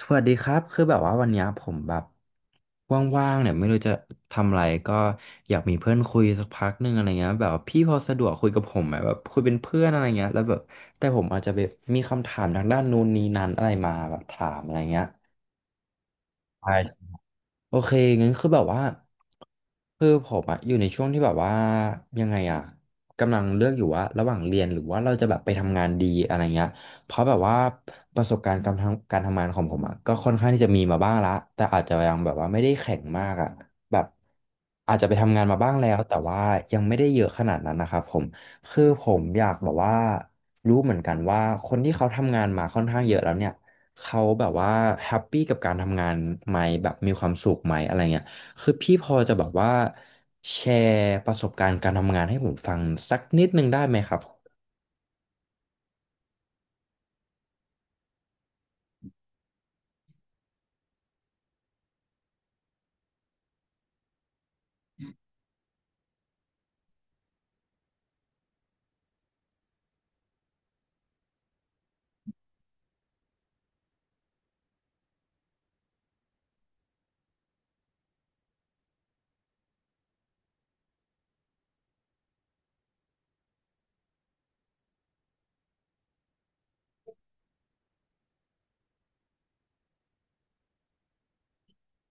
สวัสดีครับคือแบบว่าวันเนี้ยผมแบบว่างๆเนี่ยไม่รู้จะทำอะไรก็อยากมีเพื่อนคุยสักพักหนึ่งอะไรเงี้ยแบบว่าพี่พอสะดวกคุยกับผมไหมแบบคุยเป็นเพื่อนอะไรเงี้ยแล้วแบบแต่ผมอาจจะแบบมีคำถามทางด้านนู้นนี้นั้นอะไรมาแบบถามอะไรเงี้ย โอเคงั้นคือแบบว่าคือผมอะอยู่ในช่วงที่แบบว่ายังไงอะกำลังเลือกอยู่ว่าระหว่างเรียนหรือว่าเราจะแบบไปทำงานดีอะไรเงี้ยเพราะแบบว่าประสบการณ์การทำงานของผมอะก็ค่อนข้างที่จะมีมาบ้างละแต่อาจจะยังแบบว่าไม่ได้แข็งมากอะแบบอาจจะไปทำงานมาบ้างแล้วแต่ว่ายังไม่ได้เยอะขนาดนั้นนะครับผมคือผมอยากแบบว่ารู้เหมือนกันว่าคนที่เขาทำงานมาค่อนข้างเยอะแล้วเนี่ย เขาแบบว่าแฮปปี้กับการทำงานไหมแบบมีความสุขไหมอะไรเงี้ยคือพี่พอจะแบบว่าแชร์ประสบการณ์การทำงานให้ผมฟังสักนิดนึงได้ไหมครับ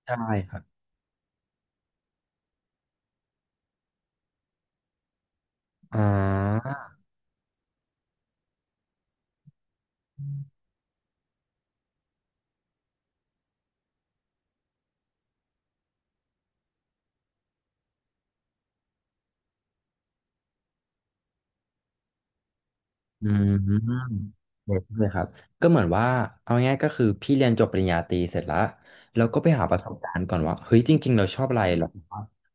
ได้ครับอ่าอืมเด็กเลยครับก็เหมือนว่าเอาง่ายๆก็คือพี่เรียนจบปริญญาตรีเสร็จแล้วแล้วก็ไปหาประสบการณ์ก่อนว่าเฮ้ยจริงๆเราชอบอะไรแล้ว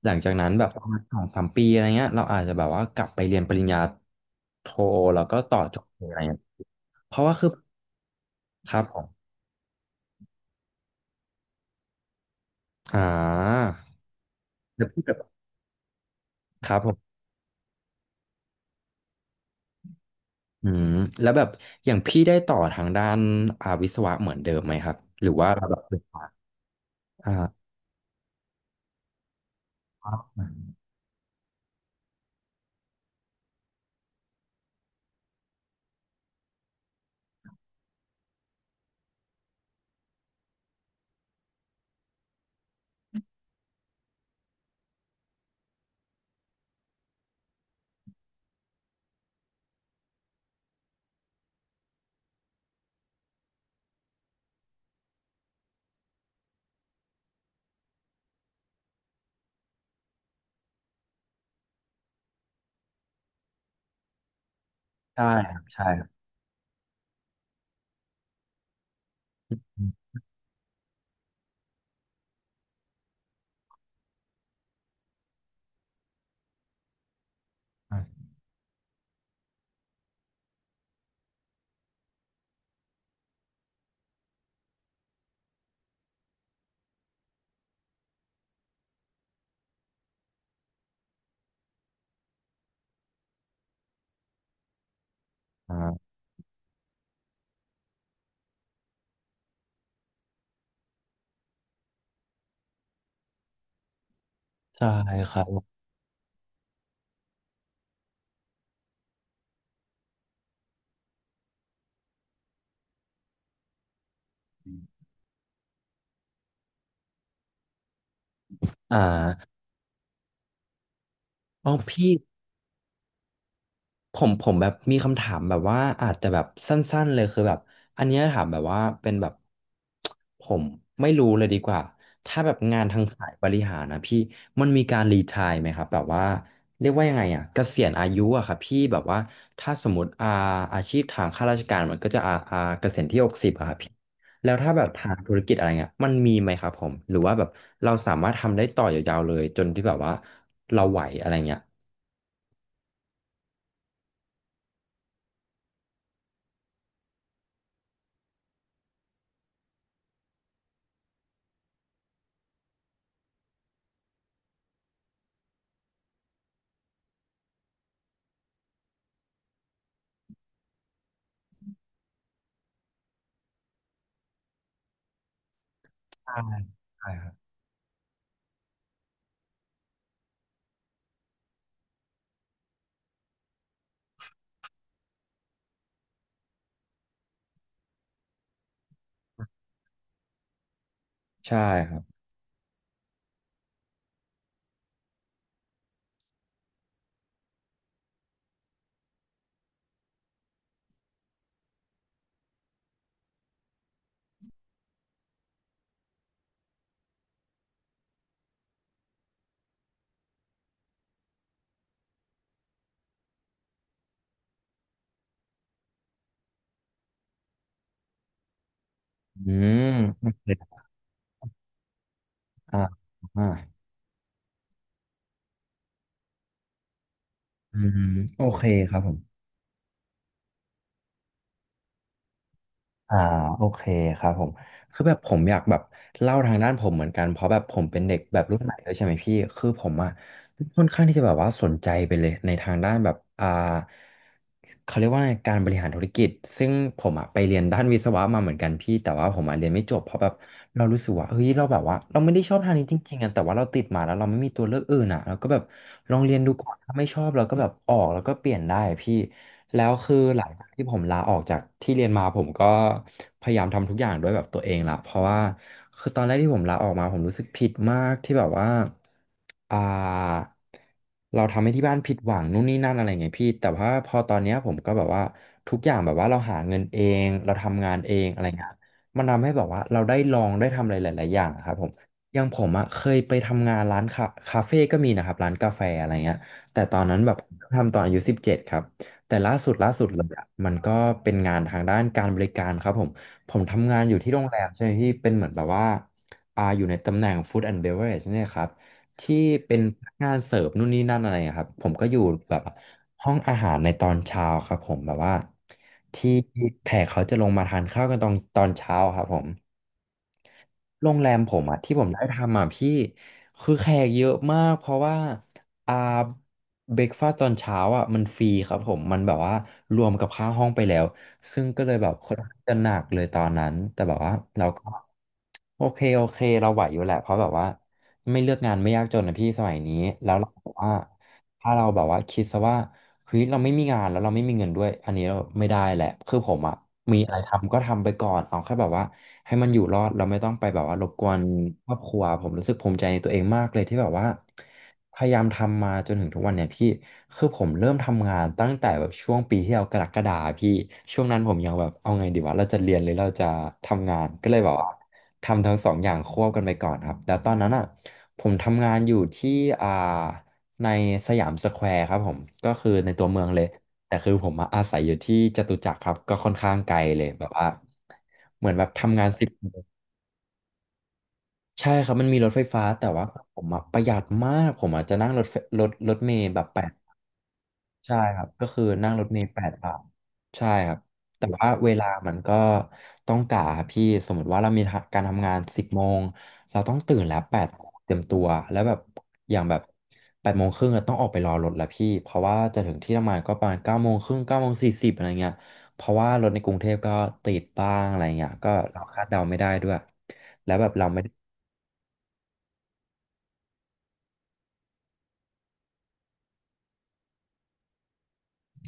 หลังจากนั้นแบบประมาณสองสามปีอะไรเงี้ยเราอาจจะแบบว่ากลับไปเรียนปริญญาโทแล้วก็ต่อจบอะไรเงี้ยเพราะว่าคือครับผม อ่าแล้วพี่แบบครับผมอืมแล้วแบบอย่างพี่ได้ต่อทางด้านอาวิศวะเหมือนเดิมไหมครับหรือว่าแบบอ่าใช่ครับใช่ครับอ่าใช่ครับอ่าอ๋อพี่ ผมผมแบบมีคำถามแบบว่าอาจจะแบบสั้นๆเลยคือแบบอันเนี้ยถามแบบว่าเป็นแบบผมไม่รู้เลยดีกว่าถ้าแบบงานทางสายบริหารนะพี่มันมีการรีไทร์ไหมครับแบบว่าเรียกว่ายังไงอ่ะเกษียณอายุอะครับพี่แบบว่าถ้าสมมติอาอาชีพทางข้าราชการมันก็จะอาอาเกษียณที่60อะครับพี่แล้วถ้าแบบทางธุรกิจอะไรเงี้ยมันมีไหมครับผมหรือว่าแบบเราสามารถทำได้ต่อยาวๆเลยจนที่แบบว่าเราไหวอะไรเงี้ยใช่ใช่ครับใช่ครับ อืมโอเคอ่าอ่าอืมโอเคครับผมอ่าโอเคครับผมคือแบบผมอยากแบบเล่าทางด้านผมเหมือนกันเพราะแบบผมเป็นเด็กแบบรุ่นใหม่ด้วยใช่ไหมพี่คือผมอะ ค่อนข้างที่จะแบบว่าสนใจไปเลยในทางด้านแบบอ่าเขาเรียกว่าไงการบริหารธุรกิจซึ่งผมอะไปเรียนด้านวิศวะมาเหมือนกันพี่แต่ว่าผมอะเรียนไม่จบเพราะแบบเรารู้สึกว่าเฮ้ยเราแบบว่าเราไม่ได้ชอบทางนี้จริงๆอะแต่ว่าเราติดมาแล้วเราไม่มีตัวเลือกอื่นอะเราก็แบบลองเรียนดูก่อนถ้าไม่ชอบเราก็แบบออกแล้วก็เปลี่ยนได้พี่แล้วคือหลังจากที่ผมลาออกจากที่เรียนมาผมก็พยายามทำทุกอย่างด้วยแบบตัวเองละเพราะว่าคือตอนแรกที่ผมลาออกมาผมรู้สึกผิดมากที่แบบว่า อ่าเราทำให้ที่บ้านผิดหวังนู่นนี่นั่นอะไรเงพี่แต่ว่าพอตอนเนี้ยผมก็แบบว่าทุกอย่างแบบว่าเราหาเงินเองเราทำงานเองอะไรเงี้ยมันทำให้แบบว่าเราได้ลองได้ทำอะไรหลายๆอย่างอะครับผมอย่างผมอะเคยไปทำงานร้านคาเฟ่ก็มีนะครับร้านกาแฟอะไรเงี้ยแต่ตอนนั้นแบบทำตอนอายุ17ครับแต่ล่าสุดเลยอะมันก็เป็นงานทางด้านการบริการครับผมผมทำงานอยู่ที่โรงแรมใช่ไหมพี่เป็นเหมือนแบบว่าอ่าอยู่ในตำแหน่ง Food and Beverage เนี่ยครับ ที่เป็นพนักงานเสิร์ฟนู่นนี่นั่นอะไรอะครับผมก็อยู่แบบห้องอาหารในตอนเช้าครับผมแบบว่าที่แขกเขาจะลงมาทานข้าวกันตอนเช้าครับผมโรงแรมผมอะที่ผมได้ทำอะพี่คือแขกเยอะมากเพราะว่าอ่าเบรกฟาสตตอนเช้าอะมันฟรีครับผมมันแบบว่ารวมกับค่าห้องไปแล้วซึ่งก็เลยแบบค่อนข้างจะหนักเลยตอนนั้นแต่แบบว่าเราก็โอเคโอเคเราไหวอยู่แหละเพราะแบบว่า ไม่เลือกงานไม่ยากจนนะพี่สมัยนี้แล้วเราบอกว่าถ้าเราแบบว่าคิดซะว่าเฮ้ยเราไม่มีงานแล้วเราไม่มีเงินด้วยอันนี้เราไม่ได้แหละคือผมอะมีอะไรทำก็ทำไปก่อนเอาแค่แบบว่าให้มันอยู่รอดเราไม่ต้องไปแบบว่ารบกวนครอบครัวผมรู้สึกภูมิใจในตัวเองมากเลยที่แบบว่าพยายามทำมาจนถึงทุกวันเนี่ยพี่คือผมเริ่มทำงานตั้งแต่แบบช่วงปีที่แล้วกรกฎาพี่ช่วงนั้นผมยังแบบเอาไงดีวะเราจะเรียนหรือเราจะทำงานก็เลยแบบว่า ทำทั้งสองอย่างควบกันไปก่อนครับแล้วตอนนั้นอ่ะผมทำงานอยู่ที่อ่าในสยามสแควร์ครับผม ก็คือในตัวเมืองเลย แต่คือผมมาอาศัยอยู่ที่จตุจักรครับก็ค่อนข้างไกลเลยแบบว่าเหมือนแบบทำงานสิบใช่ครับมันมีรถไฟฟ้าแต่ว่าผมอะประหยัดมากผมอจจะนั่งรถไฟรถเมล์แบบแปด ใช่ครับก็คือนั่งรถเมล์8 บาทใช่ครับแต่ว่าเวลามันก็ต้องกะครับพี่สมมติว่าเรามีการทำงาน10 โมงเราต้องตื่นแล้วแปดเตรียมตัวแล้วแบบอย่างแบบ8 โมงครึ่งต้องออกไปรอรถแล้วพี่เพราะว่าจะถึงที่ทำงานก็ประมาณ9 โมงครึ่ง9 โมง 40อะไรเงี้ยเพราะว่ารถในกรุงเทพก็ติดบ้างอะไรเงี้ยก็เราคาดเดาไม่ได้ด้วยแล้วแบบเราไม่ได้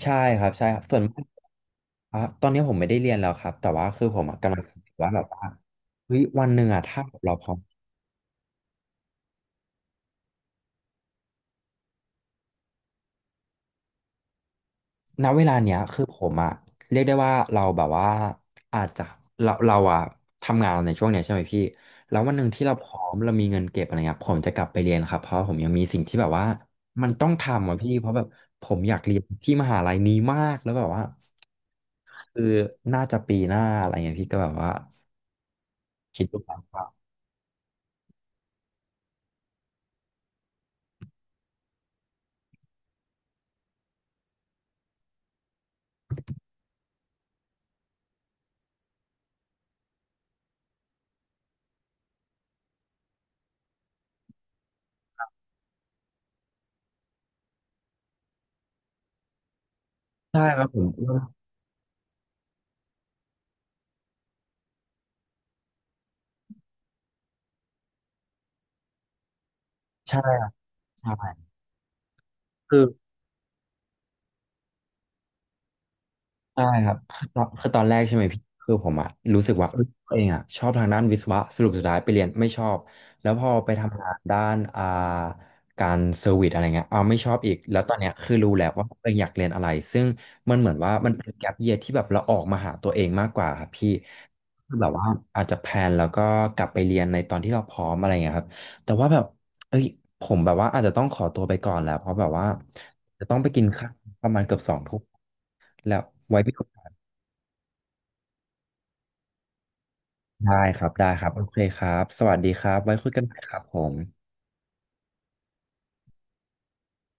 ใช่ครับใช่ครับส่วนมากอ่ะตอนนี้ผมไม่ได้เรียนแล้วครับแต่ว่าคือผมอะกำลังคิดว่าแบบว่าเฮ้ยวันหนึ่งอ่ะถ้าเราพร้อมณเวลาเนี้ยคือผมอะเรียกได้ว่าเราแบบว่าอาจจะเราอะทำงานในช่วงเนี้ยใช่ไหมพี่แล้ววันหนึ่งที่เราพร้อมเรามีเงินเก็บอะไรเงี้ยผมจะกลับไปเรียนครับเพราะผมยังมีสิ่งที่แบบว่ามันต้องทำอ่ะพี่เพราะแบบผมอยากเรียนที่มหาลัยนี้มากแล้วแบบว่าคือน่าจะปีหน้าอะไรเงี้ยพี่ก็แบบว่าคิดดูครับว่าใช่ครับผมใช่ ใช่คือใช่ครับคือตอนตอนแรกใช่ไหมพี่คือผมอะรู้สึกว่าเอยตัวเองอะชอบทางด้านวิศวะสรุปสุดท้ายไปเรียนไม่ชอบแล้วพอไปทำงานด้านการเซอร์วิสอะไรเงี้ยเอาไม่ชอบอีกแล้วตอนเนี้ยคือรู้แล้วว่าตัวเองอยากเรียนอะไรซึ่งมันเหมือนว่ามันเป็นแก p เยียที่แบบเราออกมาหาตัวเองมากกว่าครับพี่คือแบบว่าอาจจะแพลนแล้วก็กลับไปเรียนในตอนที่เราพร้อมอะไรเงี้ยครับแต่ว่าแบบเอ้ยผมแบบว่าอาจจะต้องขอตัวไปก่อนแล้วเพราะแบบว่าจะต้องไปกินข้าวประมาณเกือบ2 ทุ่ม แล้วไว้พีโอกาสได้ครับได้ครับโอเคครับสวัสดีครับไว้คุยกันใหม่ครับผม